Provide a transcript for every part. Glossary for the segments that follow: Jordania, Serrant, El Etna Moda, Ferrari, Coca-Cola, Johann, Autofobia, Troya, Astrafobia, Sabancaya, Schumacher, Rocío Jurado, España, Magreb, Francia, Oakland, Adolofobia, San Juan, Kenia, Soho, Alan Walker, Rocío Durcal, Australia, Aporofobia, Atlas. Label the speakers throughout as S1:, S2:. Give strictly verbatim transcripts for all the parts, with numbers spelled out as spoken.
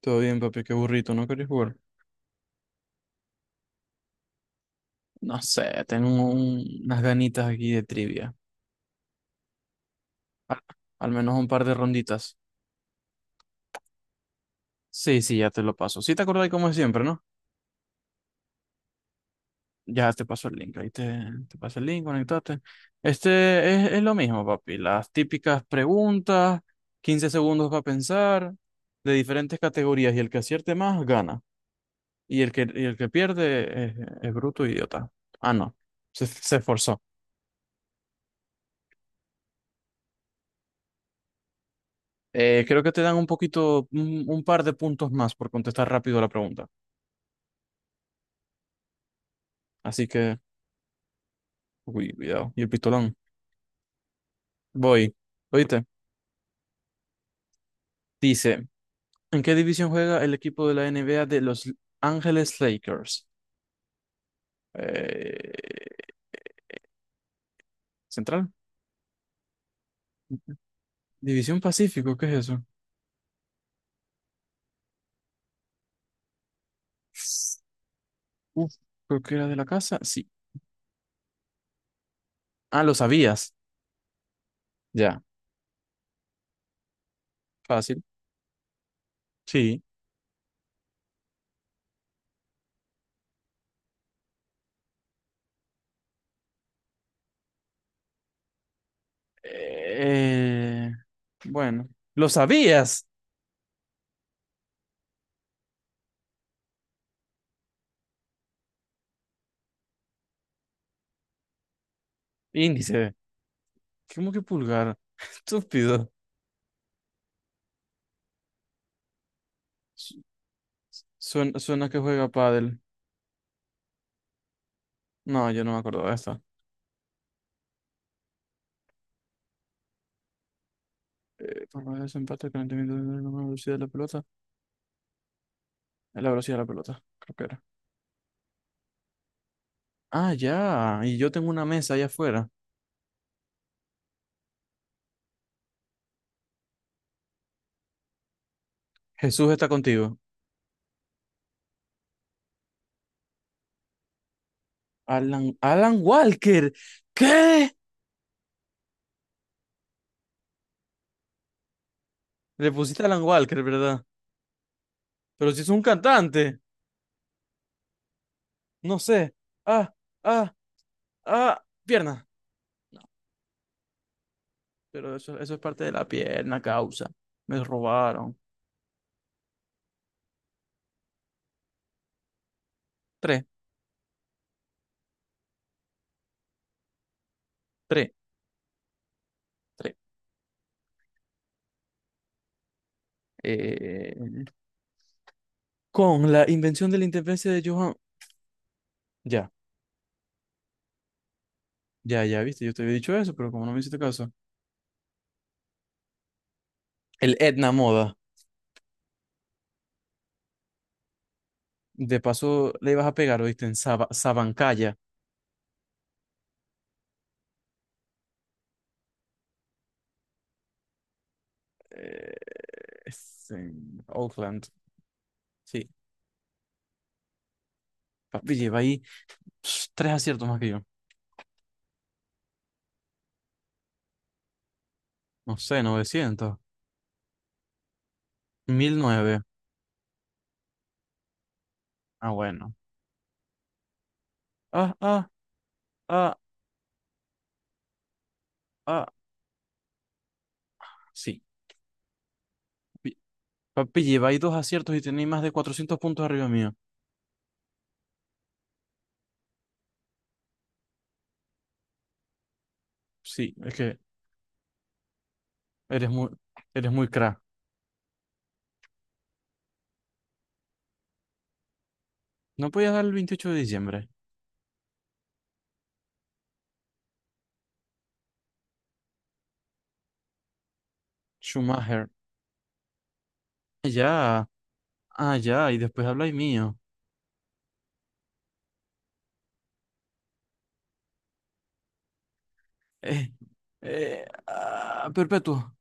S1: Todo bien, papi, qué burrito, ¿no querés jugar? No sé, tengo un- unas ganitas aquí de trivia. Al, al menos un par de ronditas. Sí, sí, ya te lo paso. Sí, te acordás como siempre, ¿no? Ya te paso el link. Ahí te, te paso el link, conectate. Este es, es lo mismo, papi. Las típicas preguntas, quince segundos para pensar, de diferentes categorías. Y el que acierte más, gana. Y el que, y el que pierde es, es bruto e idiota. Ah, no. Se, se esforzó. Eh, creo que te dan un poquito, un, un par de puntos más por contestar rápido la pregunta. Así que, uy, cuidado. Y el pistolón. Voy. Oíste. Dice, ¿en qué división juega el equipo de la N B A de Los Ángeles Lakers? Eh, ¿Central? ¿División Pacífico? ¿Qué es eso? Uf, creo que era de la casa. Sí. Ah, lo sabías. Ya, fácil. Sí. Eh, bueno, lo sabías. Índice. ¿Cómo que pulgar? Estúpido. Su- Suena, suena que juega pádel. No, yo no me acuerdo de esta. Eh, por medio de ese empate, el calentamiento de la velocidad de la pelota. Es la velocidad de la pelota, creo que era. Ah, ya. Y yo tengo una mesa allá afuera. Jesús está contigo. Alan, Alan Walker. ¿Qué? Le pusiste Alan Walker, ¿verdad? Pero si es un cantante. No sé. Ah, ah, ah. Pierna. Pero eso, eso es parte de la pierna, causa. Me robaron. Tres, tres, tres. Eh... Con la invención de la interferencia de Johann. Ya, ya, ya, viste, yo te había dicho eso, pero como no me hiciste caso. El Etna Moda. De paso le ibas a pegar, oíste, en Saba- Sabancaya. Eh, es en Oakland. Sí. Papi, lleva ahí pss, tres aciertos más que yo. No sé, novecientos mil nueve. Ah, bueno. Ah, ah, ah, ah. Sí. Pi- Papi, lleva ahí dos aciertos y tenéis más de cuatrocientos puntos arriba mío. Sí, es que eres muy, eres muy crack. No podías dar el veintiocho de diciembre. Schumacher. Ah, Ya, ah, ya, y después habláis mío. Eh, eh, ah, perpetuo.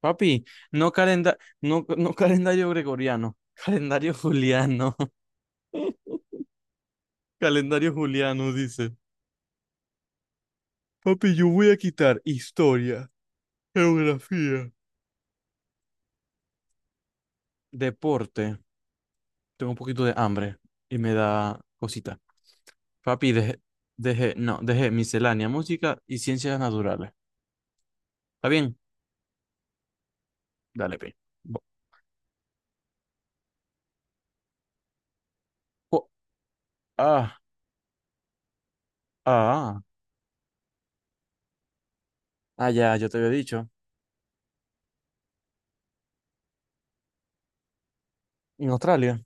S1: Papi, no, calenda no, no calendario gregoriano, calendario juliano. Calendario juliano dice. Papi, yo voy a quitar historia, geografía, deporte. Tengo un poquito de hambre y me da cosita. Papi, dejé, dejé, no, dejé miscelánea, música y ciencias naturales. ¿Está bien? Dale, pi. Bo- co- Ah, ah, ah, Ah, ya, yo te había dicho. En Australia,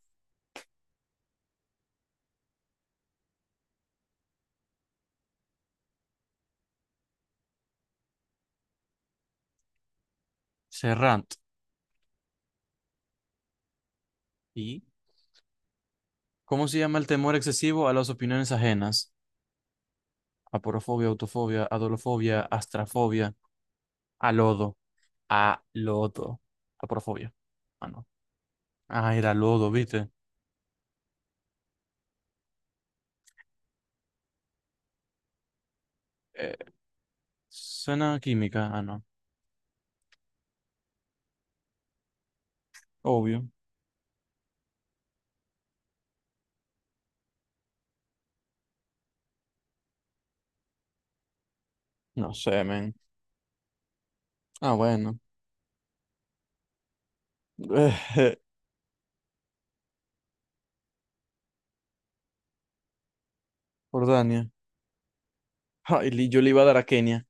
S1: Serrant. ¿Y cómo se llama el temor excesivo a las opiniones ajenas? Aporofobia, autofobia, adolofobia, astrafobia, a lodo, a lodo, aporofobia. Ah, no. Ah, era lodo, ¿viste? Eh, suena química, ah, no. Obvio. No sé, men. Ah, bueno. Jordania. Ay, li- yo le iba a dar a Kenia.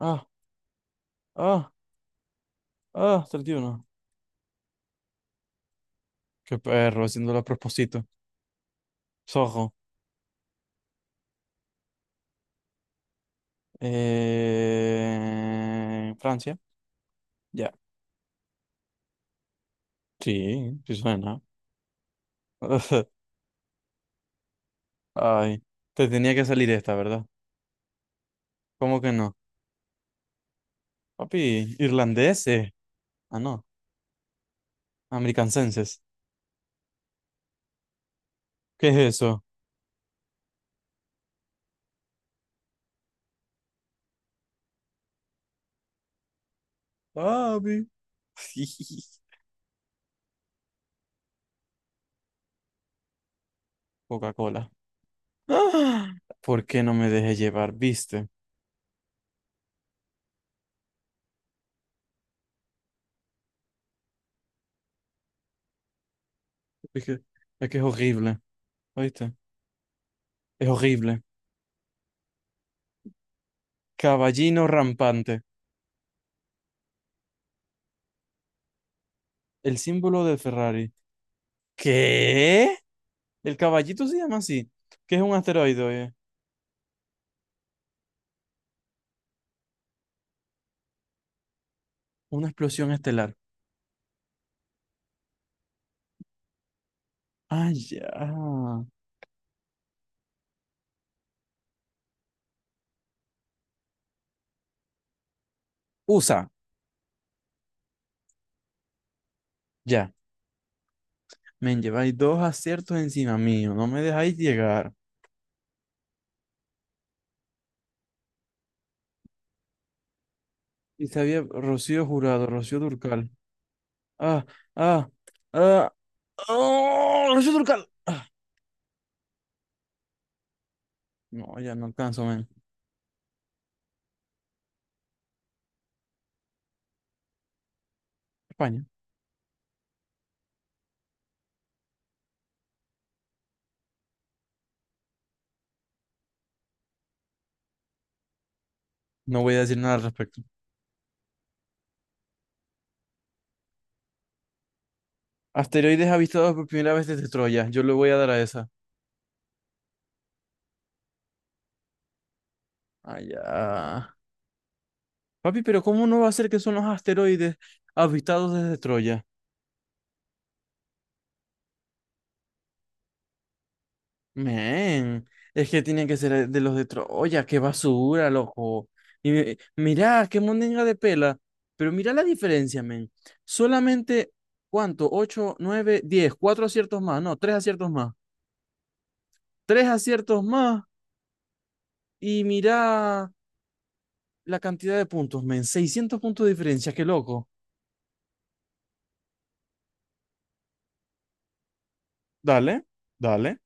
S1: Ah, ah, ah, treinta y uno. Qué perro, haciéndolo a propósito. Soho. Eh, Francia. Ya. Sí, sí suena. Ay, te tenía que salir esta, ¿verdad? ¿Cómo que no? Papi, irlandeses. Ah, no, americanenses. ¿Qué es eso? Papi. Coca-Cola. Ah, ¿por qué no me dejé llevar? ¿Viste? Es que, es que es horrible, ¿oíste? Es horrible. Caballino rampante. El símbolo de Ferrari. ¿Qué? El caballito se llama así. ¿Qué es un asteroide, oye? Una explosión estelar. Ah, ya. U S A. Ya, men, lleváis dos aciertos encima mío, no me dejáis llegar. Y sabía Rocío Jurado, Rocío Durcal. Ah, ah, ah, oh, Rocío Durcal. Ah, no, ya no alcanzo, men. España. No voy a decir nada al respecto. Asteroides avistados por primera vez desde Troya. Yo le voy a dar a esa. Ah, ya. Papi, pero ¿cómo no va a ser que son los asteroides avistados desde Troya? Men, es que tienen que ser de los de Troya, qué basura, loco. Y mi- mirá, qué mondenga de pela. Pero mirá la diferencia, men. Solamente, ¿cuánto? Ocho, nueve, diez, cuatro aciertos más, no, tres aciertos más. Tres aciertos más y mirá la cantidad de puntos, men. Seiscientos puntos de diferencia, qué loco. Dale, dale.